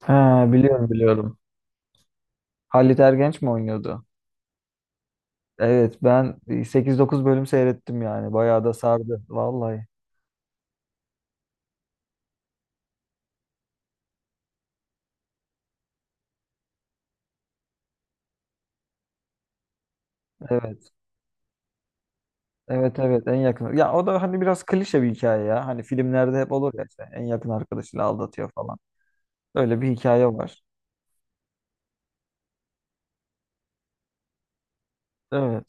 Ha, biliyorum biliyorum. Halit Ergenç mi oynuyordu? Evet ben sekiz dokuz bölüm seyrettim yani. Bayağı da sardı vallahi. Evet. Evet evet en yakın. Ya o da hani biraz klişe bir hikaye ya. Hani filmlerde hep olur ya işte en yakın arkadaşıyla aldatıyor falan. Öyle bir hikaye var. Evet.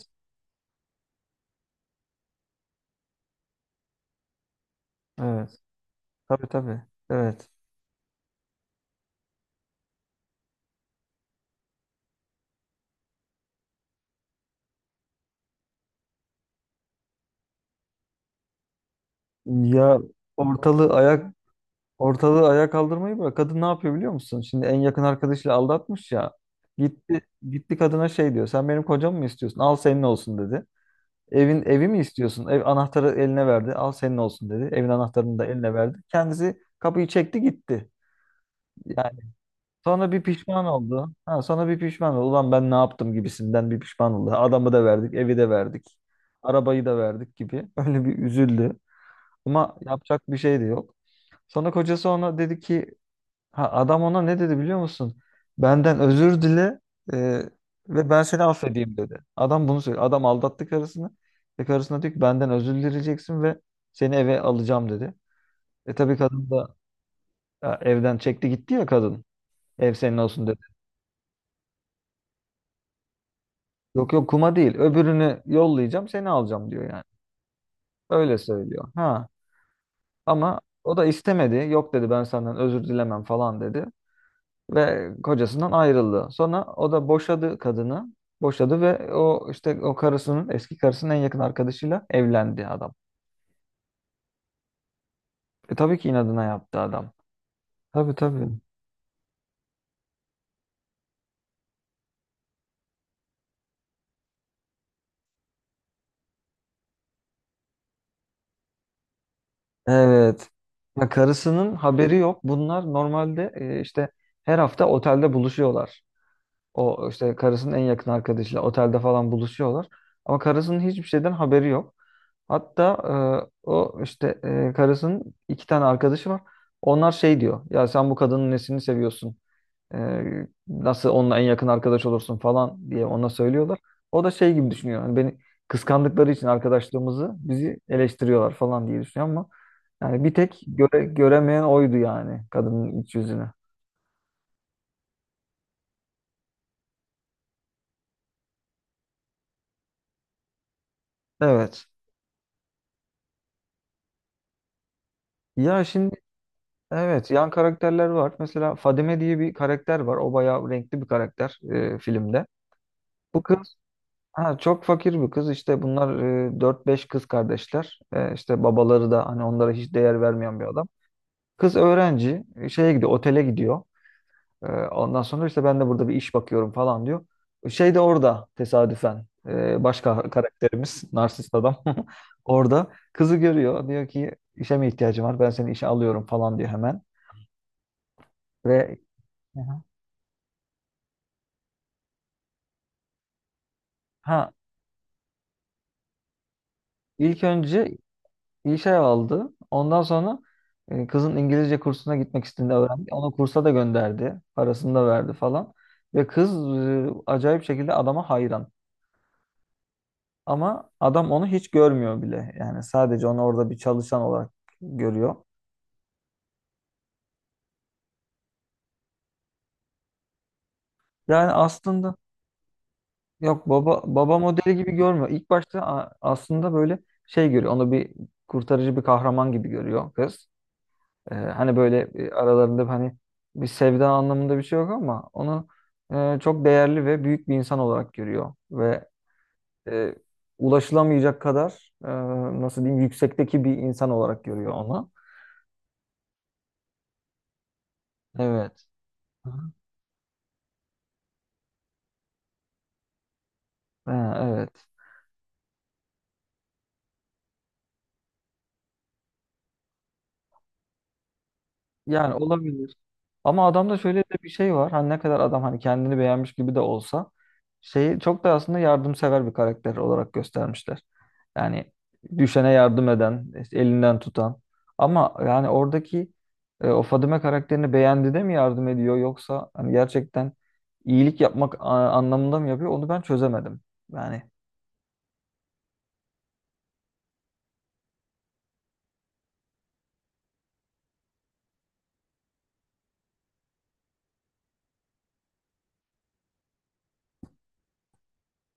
Evet. Tabii tabii. Evet. Ya ortalığı ayak ortalığı ayağa kaldırmayı bırak. Kadın ne yapıyor biliyor musun? Şimdi en yakın arkadaşıyla aldatmış ya. Gitti gitti kadına şey diyor. Sen benim kocamı mı istiyorsun? Al senin olsun dedi. Evi mi istiyorsun? Ev anahtarı eline verdi. Al senin olsun dedi. Evin anahtarını da eline verdi. Kendisi kapıyı çekti gitti. Yani sonra bir pişman oldu. Ha, sonra bir pişman oldu. Ulan ben ne yaptım gibisinden bir pişman oldu. Adamı da verdik, evi de verdik. Arabayı da verdik gibi. Öyle bir üzüldü. Ama yapacak bir şey de yok. Sonra kocası ona dedi ki Ha, adam ona ne dedi biliyor musun? Benden özür dile e, ve ben seni affedeyim dedi. Adam bunu söyledi. Adam aldattı karısını. Ve karısına diyor ki benden özür dileyeceksin ve seni eve alacağım dedi. Tabii kadın da evden çekti gitti ya kadın. Ev senin olsun dedi. Yok yok kuma değil. Öbürünü yollayacağım seni alacağım diyor yani. Öyle söylüyor. Ha ama o da istemedi. Yok dedi ben senden özür dilemem falan dedi. Ve kocasından ayrıldı. Sonra o da boşadı kadını. Boşadı ve o işte o karısının eski karısının en yakın arkadaşıyla evlendi adam. Tabii ki inadına yaptı adam. Tabii tabii. Evet. Ya karısının haberi yok. Bunlar normalde işte her hafta otelde buluşuyorlar. O işte karısının en yakın arkadaşıyla otelde falan buluşuyorlar. Ama karısının hiçbir şeyden haberi yok. Hatta o işte karısının iki tane arkadaşı var. Onlar şey diyor. Ya sen bu kadının nesini seviyorsun? Nasıl onunla en yakın arkadaş olursun falan diye ona söylüyorlar. O da şey gibi düşünüyor. Hani beni kıskandıkları için arkadaşlığımızı bizi eleştiriyorlar falan diye düşünüyor ama yani bir tek göremeyen oydu yani kadının iç yüzünü. Evet. Ya şimdi evet yan karakterler var. Mesela Fadime diye bir karakter var. O bayağı renkli bir karakter filmde. Bu kız ha, çok fakir bir kız. İşte bunlar 4-5 kız kardeşler. E, işte babaları da hani onlara hiç değer vermeyen bir adam. Kız öğrenci şeye gidiyor, otele gidiyor. Ondan sonra işte ben de burada bir iş bakıyorum falan diyor. Şey de orada tesadüfen başka karakterimiz, narsist adam orada kızı görüyor. Diyor ki işe mi ihtiyacın var? Ben seni işe alıyorum falan diyor hemen. Ve Hı hı. ha ilk önce işe aldı. Ondan sonra kızın İngilizce kursuna gitmek istediğini öğrendi. Onu kursa da gönderdi. Parasını da verdi falan. Ve kız acayip şekilde adama hayran. Ama adam onu hiç görmüyor bile. Yani sadece onu orada bir çalışan olarak görüyor. Yani aslında yok baba modeli gibi görmüyor. İlk başta aslında böyle şey görüyor. Onu bir kurtarıcı bir kahraman gibi görüyor kız. Hani böyle aralarında hani bir sevda anlamında bir şey yok ama onu çok değerli ve büyük bir insan olarak görüyor ve e, ulaşılamayacak kadar nasıl diyeyim yüksekteki bir insan olarak görüyor onu. Evet. Hı hı. Ha, evet. Yani olabilir. Ama adamda şöyle de bir şey var. Hani ne kadar adam hani kendini beğenmiş gibi de olsa şeyi çok da aslında yardımsever bir karakter olarak göstermişler. Yani düşene yardım eden, işte elinden tutan. Ama yani oradaki o Fadime karakterini beğendi de mi yardım ediyor yoksa hani gerçekten iyilik yapmak anlamında mı yapıyor onu ben çözemedim. Yani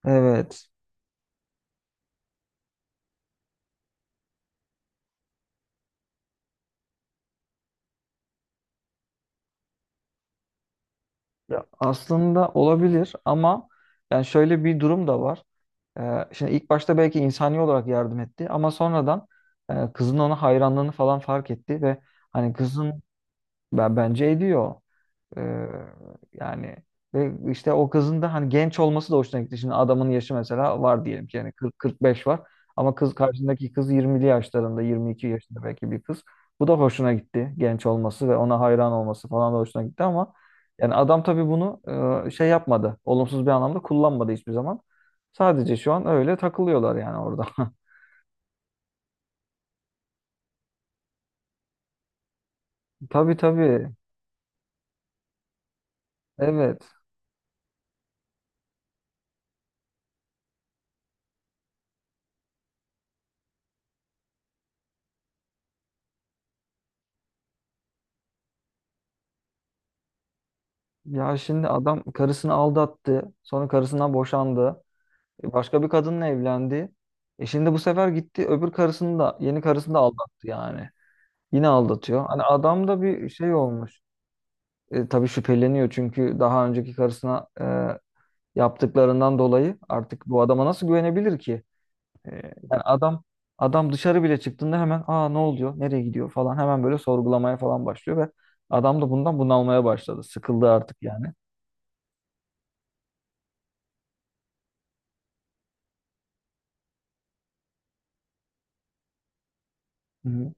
evet. Ya aslında olabilir ama yani şöyle bir durum da var. Şimdi ilk başta belki insani olarak yardım etti ama sonradan kızın ona hayranlığını falan fark etti ve hani kızın ben bence ediyor. Ee, yani ve işte o kızın da hani genç olması da hoşuna gitti. Şimdi adamın yaşı mesela var diyelim ki yani 40-45 var. Ama karşındaki kız 20'li yaşlarında 22 yaşında belki bir kız. Bu da hoşuna gitti. Genç olması ve ona hayran olması falan da hoşuna gitti ama yani adam tabii bunu şey yapmadı. Olumsuz bir anlamda kullanmadı hiçbir zaman. Sadece şu an öyle takılıyorlar yani orada. Tabii tabii. Evet. Ya şimdi adam karısını aldattı. Sonra karısından boşandı. Başka bir kadınla evlendi. Şimdi bu sefer gitti öbür karısını da yeni karısını da aldattı yani. Yine aldatıyor. Hani adam da bir şey olmuş. Tabii şüpheleniyor çünkü daha önceki karısına yaptıklarından dolayı artık bu adama nasıl güvenebilir ki? E, yani adam dışarı bile çıktığında hemen ne oluyor? Nereye gidiyor falan hemen böyle sorgulamaya falan başlıyor ve adam da bundan bunalmaya başladı. Sıkıldı artık yani. Hı hı.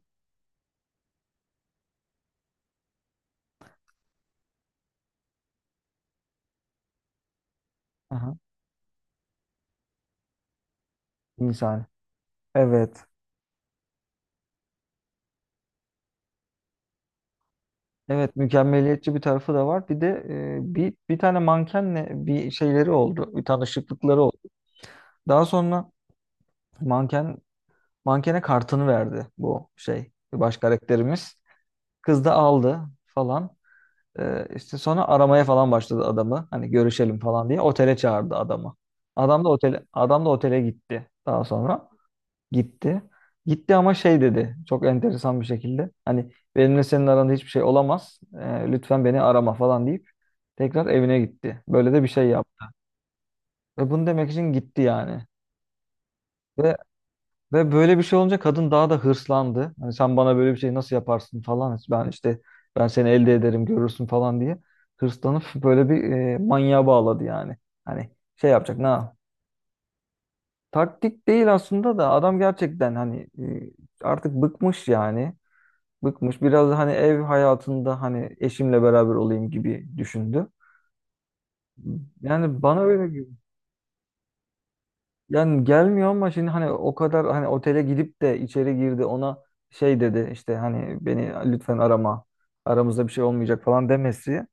Aha. İnsani. Evet. Evet mükemmeliyetçi bir tarafı da var. Bir de bir tane mankenle bir şeyleri oldu. Bir tanışıklıkları oldu. Daha sonra manken mankene kartını verdi bu şey baş karakterimiz. Kız da aldı falan. E, işte sonra aramaya falan başladı adamı. Hani görüşelim falan diye otele çağırdı adamı. Adam da otele gitti. Daha sonra gitti. Gitti ama şey dedi. Çok enteresan bir şekilde. Hani benimle senin aranda hiçbir şey olamaz. Lütfen beni arama falan deyip tekrar evine gitti. Böyle de bir şey yaptı. Ve bunu demek için gitti yani. Ve ve böyle bir şey olunca kadın daha da hırslandı. Hani sen bana böyle bir şey nasıl yaparsın falan. Ben seni elde ederim görürsün falan diye. Hırslanıp böyle bir manyağa bağladı yani. Hani şey yapacak ne? Taktik değil aslında da adam gerçekten hani artık bıkmış yani. Bıkmış. Biraz da hani ev hayatında hani eşimle beraber olayım gibi düşündü. Yani bana öyle. Yani gelmiyor ama şimdi hani o kadar hani otele gidip de içeri girdi ona şey dedi işte hani beni lütfen arama aramızda bir şey olmayacak falan demesi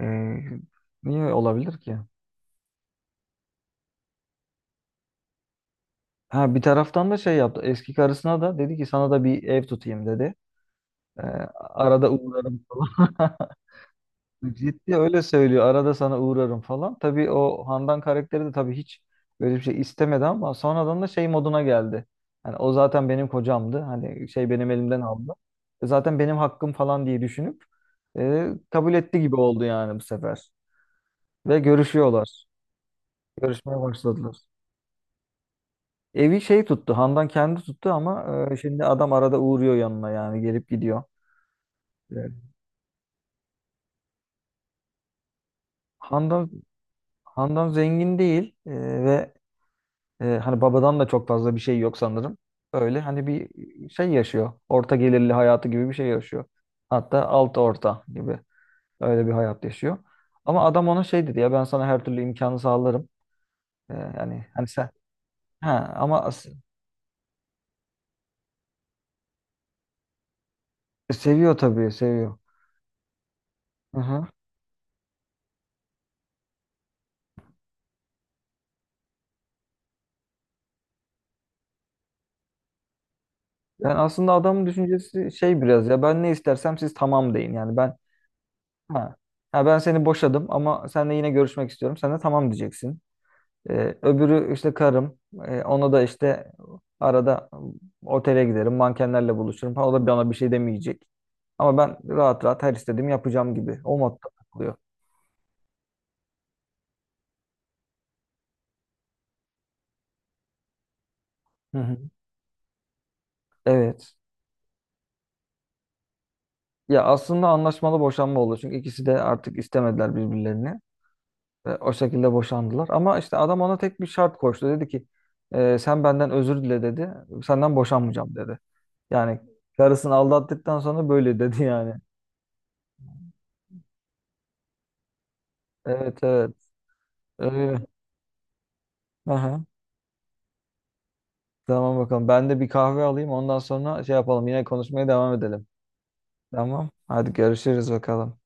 e, niye olabilir ki? Ha bir taraftan da şey yaptı eski karısına da dedi ki sana da bir ev tutayım dedi. E, arada uğrarım falan. Ciddi öyle söylüyor. Arada sana uğrarım falan. Tabii o Handan karakteri de tabii hiç böyle bir şey istemedi ama sonradan da şey moduna geldi. Hani o zaten benim kocamdı. Hani şey benim elimden aldı. Zaten benim hakkım falan diye düşünüp kabul etti gibi oldu yani bu sefer. Ve görüşüyorlar. Görüşmeye başladılar. Evi şey tuttu. Handan kendi tuttu ama şimdi adam arada uğruyor yanına yani gelip gidiyor. Evet. Handan Handan zengin değil ve hani babadan da çok fazla bir şey yok sanırım. Öyle hani bir şey yaşıyor. Orta gelirli hayatı gibi bir şey yaşıyor. Hatta alt orta gibi öyle bir hayat yaşıyor. Ama adam ona şey dedi ya ben sana her türlü imkanı sağlarım. Yani hani sen ha ama seviyor tabii seviyor. Hı hı. Yani aslında adamın düşüncesi şey biraz ya ben ne istersem siz tamam deyin. Yani ben ha, seni boşadım ama seninle yine görüşmek istiyorum. Sen de tamam diyeceksin. Öbürü işte karım. Ona da işte arada otele giderim, mankenlerle buluşurum falan. O da bana bir şey demeyecek. Ama ben rahat rahat her istediğimi yapacağım gibi. O modda takılıyor. Hı hı. Evet. Ya aslında anlaşmalı boşanma oldu. Çünkü ikisi de artık istemediler birbirlerini. Ve o şekilde boşandılar. Ama işte adam ona tek bir şart koştu. Dedi ki sen benden özür dile" dedi. Senden boşanmayacağım dedi. Yani karısını aldattıktan sonra böyle dedi yani. Evet evet. Öyle. Aha. Tamam bakalım. Ben de bir kahve alayım. Ondan sonra şey yapalım. Yine konuşmaya devam edelim. Tamam. Hadi görüşürüz bakalım.